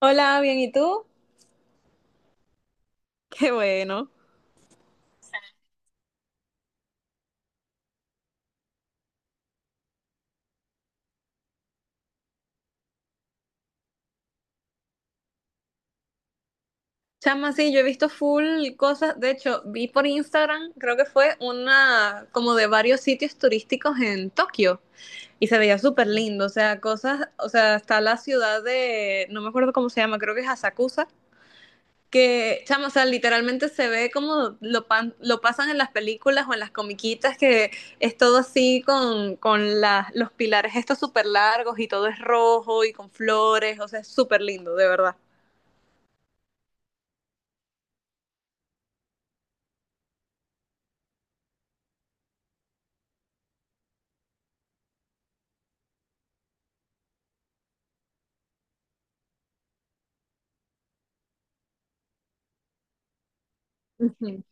Hola, bien, ¿y tú? Qué bueno. Chama, sí, yo he visto full cosas. De hecho, vi por Instagram, creo que fue una como de varios sitios turísticos en Tokio y se veía súper lindo. O sea, cosas, o sea, está la ciudad de, no me acuerdo cómo se llama, creo que es Asakusa, que, chama, o sea, literalmente se ve como lo pasan en las películas o en las comiquitas, que es todo así con los pilares estos súper largos y todo es rojo y con flores. O sea, es súper lindo, de verdad. Ujú.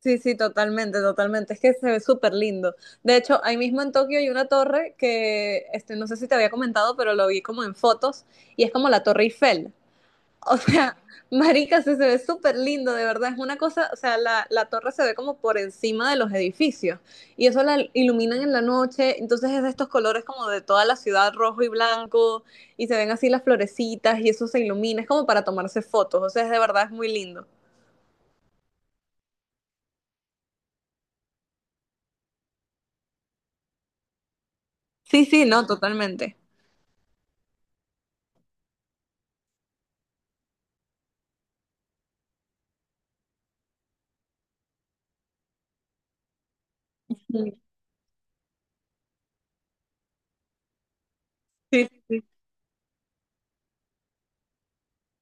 Sí, sí, totalmente, totalmente. Es que se ve súper lindo. De hecho, ahí mismo en Tokio hay una torre que, este, no sé si te había comentado, pero lo vi como en fotos y es como la Torre Eiffel. O sea, marica, se ve súper lindo, de verdad. Es una cosa, o sea, la torre se ve como por encima de los edificios y eso la iluminan en la noche. Entonces es de estos colores como de toda la ciudad, rojo y blanco, y se ven así las florecitas y eso se ilumina. Es como para tomarse fotos. O sea, es de verdad, es muy lindo. Sí, sí, no, totalmente. Sí,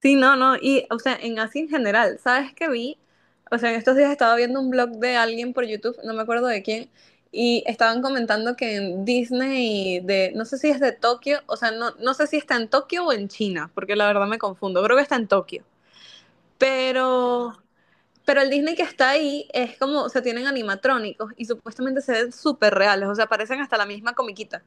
sí, no, no, y o sea, en así en general, ¿sabes qué vi? O sea, en estos días estaba viendo un blog de alguien por YouTube, no me acuerdo de quién, y estaban comentando que en Disney de, no sé si es de Tokio, o sea, no, no sé si está en Tokio o en China, porque la verdad me confundo, creo que está en Tokio. Pero, pero el Disney que está ahí es como, o sea, tienen animatrónicos y supuestamente se ven súper reales, o sea, parecen hasta la misma comiquita.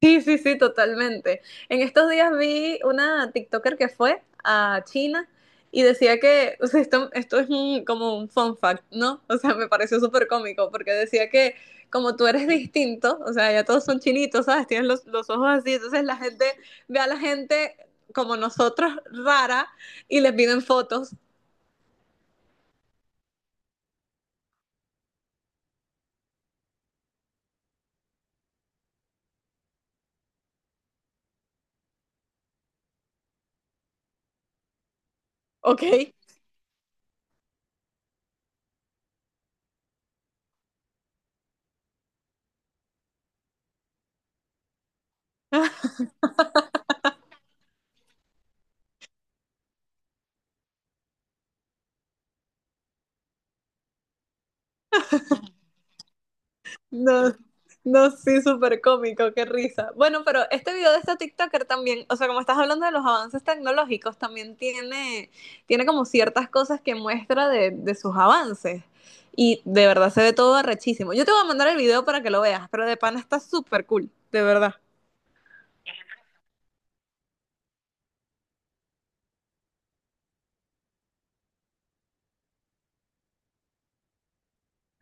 Sí, sí, sí, totalmente. En estos días vi una TikToker que fue a China y decía que, o sea, esto es como un fun fact, ¿no? O sea, me pareció súper cómico porque decía que como tú eres distinto, o sea, ya todos son chinitos, ¿sabes? Tienes los ojos así, entonces la gente ve a la gente como nosotros rara y les piden fotos, ¿ok? No, no, sí, súper cómico, qué risa. Bueno, pero este video de esta TikToker también, o sea, como estás hablando de los avances tecnológicos, también tiene como ciertas cosas que muestra de sus avances. Y de verdad se ve todo arrechísimo. Yo te voy a mandar el video para que lo veas, pero de pana está súper cool, de verdad.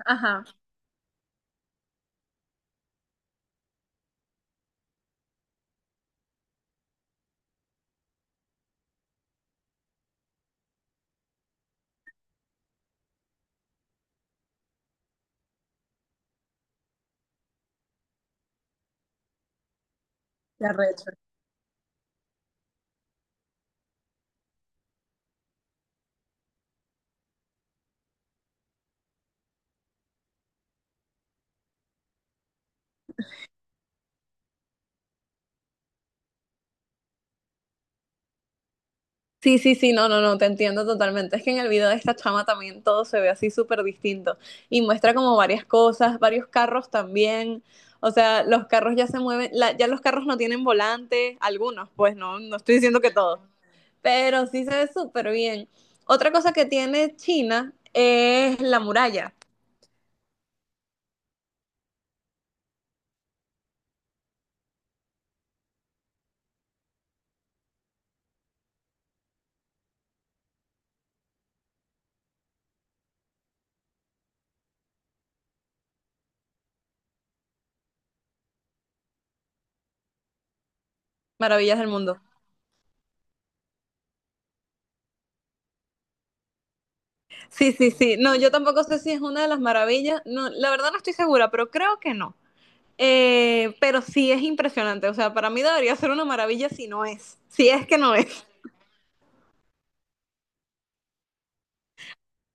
Ajá, la red. Sí, sí, sí, no, no, no, te entiendo totalmente. Es que en el video de esta chama también todo se ve así súper distinto y muestra como varias cosas, varios carros también. O sea, los carros ya se mueven, ya los carros no tienen volante, algunos, pues no, no estoy diciendo que todos, pero sí se ve súper bien. Otra cosa que tiene China es la muralla, maravillas del mundo. Sí, sí, sí, no, yo tampoco sé si es una de las maravillas, no, la verdad no estoy segura, pero creo que no. Pero sí es impresionante, o sea, para mí debería ser una maravilla si no es, si es que no es.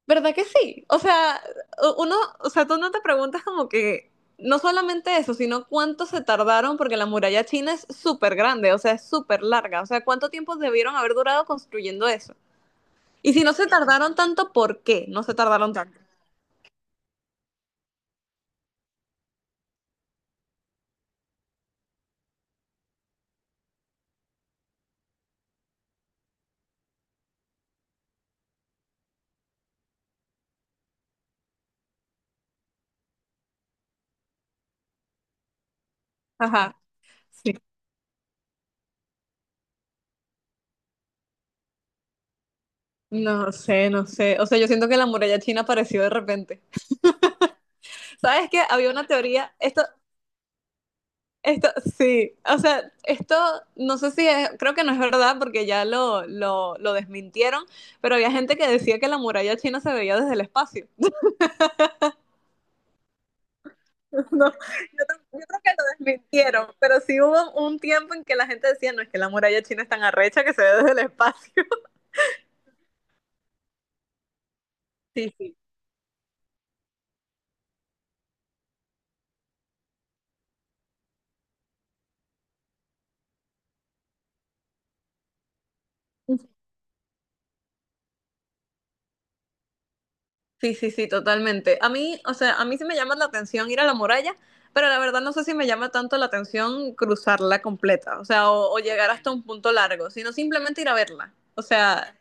¿Verdad que sí? O sea, uno, o sea, tú no te preguntas como que, no solamente eso, sino cuánto se tardaron, porque la muralla china es súper grande, o sea, es súper larga, o sea, cuánto tiempo debieron haber durado construyendo eso. Y si no se tardaron tanto, ¿por qué? No se tardaron tanto. Ajá. Sí. No sé, no sé. O sea, yo siento que la muralla china apareció de repente. ¿Sabes qué? Había una teoría, Esto, sí, o sea, esto no sé si es, creo que no es verdad porque ya lo desmintieron, pero había gente que decía que la muralla china se veía desde el espacio. No, yo, yo creo que lo desmintieron, pero sí hubo un tiempo en que la gente decía, no, es que la muralla china es tan arrecha que se ve desde el espacio. Sí, sí. Sí, sí, sí, totalmente. A mí, o sea, a mí sí me llama la atención ir a la muralla, pero la verdad no sé si me llama tanto la atención cruzarla completa, o sea, o llegar hasta un punto largo, sino simplemente ir a verla. O sea,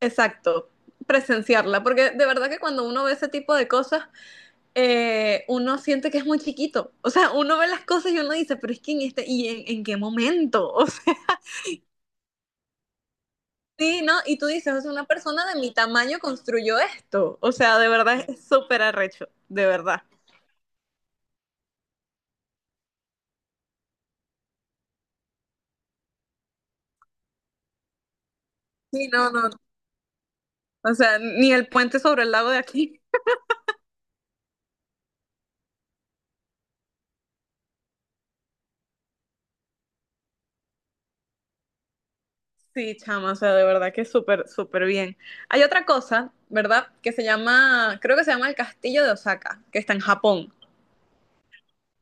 exacto, presenciarla, porque de verdad que cuando uno ve ese tipo de cosas, uno siente que es muy chiquito. O sea, uno ve las cosas y uno dice, pero es que en este, ¿y en qué momento? O sea, sí, ¿no? Y tú dices, o sea, una persona de mi tamaño construyó esto. O sea, de verdad es súper arrecho, de verdad. Sí, no, no, o sea, ni el puente sobre el lago de aquí. Sí, chama, o sea, de verdad que súper, súper bien. Hay otra cosa, ¿verdad? Que se llama, creo que se llama el Castillo de Osaka, que está en Japón.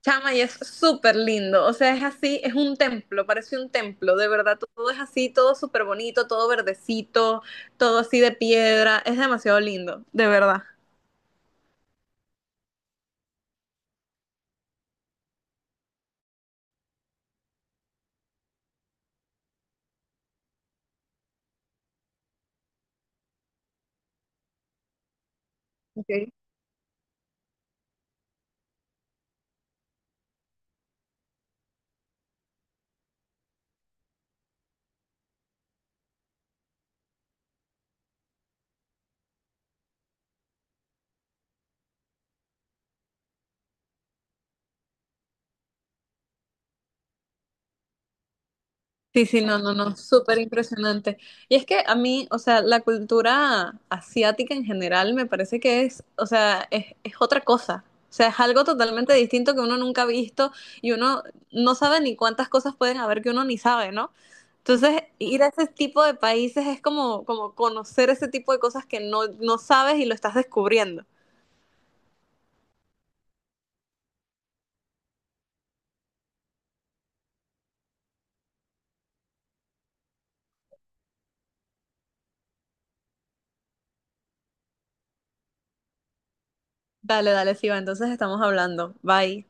Chama, y es súper lindo. O sea, es así, es un templo, parece un templo. De verdad, todo es así, todo súper bonito, todo verdecito, todo así de piedra. Es demasiado lindo, de verdad. Ok. Sí, sí, no, no, no, súper impresionante. Y es que a mí, o sea, la cultura asiática en general me parece que es, o sea, es otra cosa. O sea, es algo totalmente distinto que uno nunca ha visto y uno no sabe ni cuántas cosas pueden haber que uno ni sabe, ¿no? Entonces, ir a ese tipo de países es como, como conocer ese tipo de cosas que no, no sabes y lo estás descubriendo. Dale, dale, Siva, entonces estamos hablando. Bye.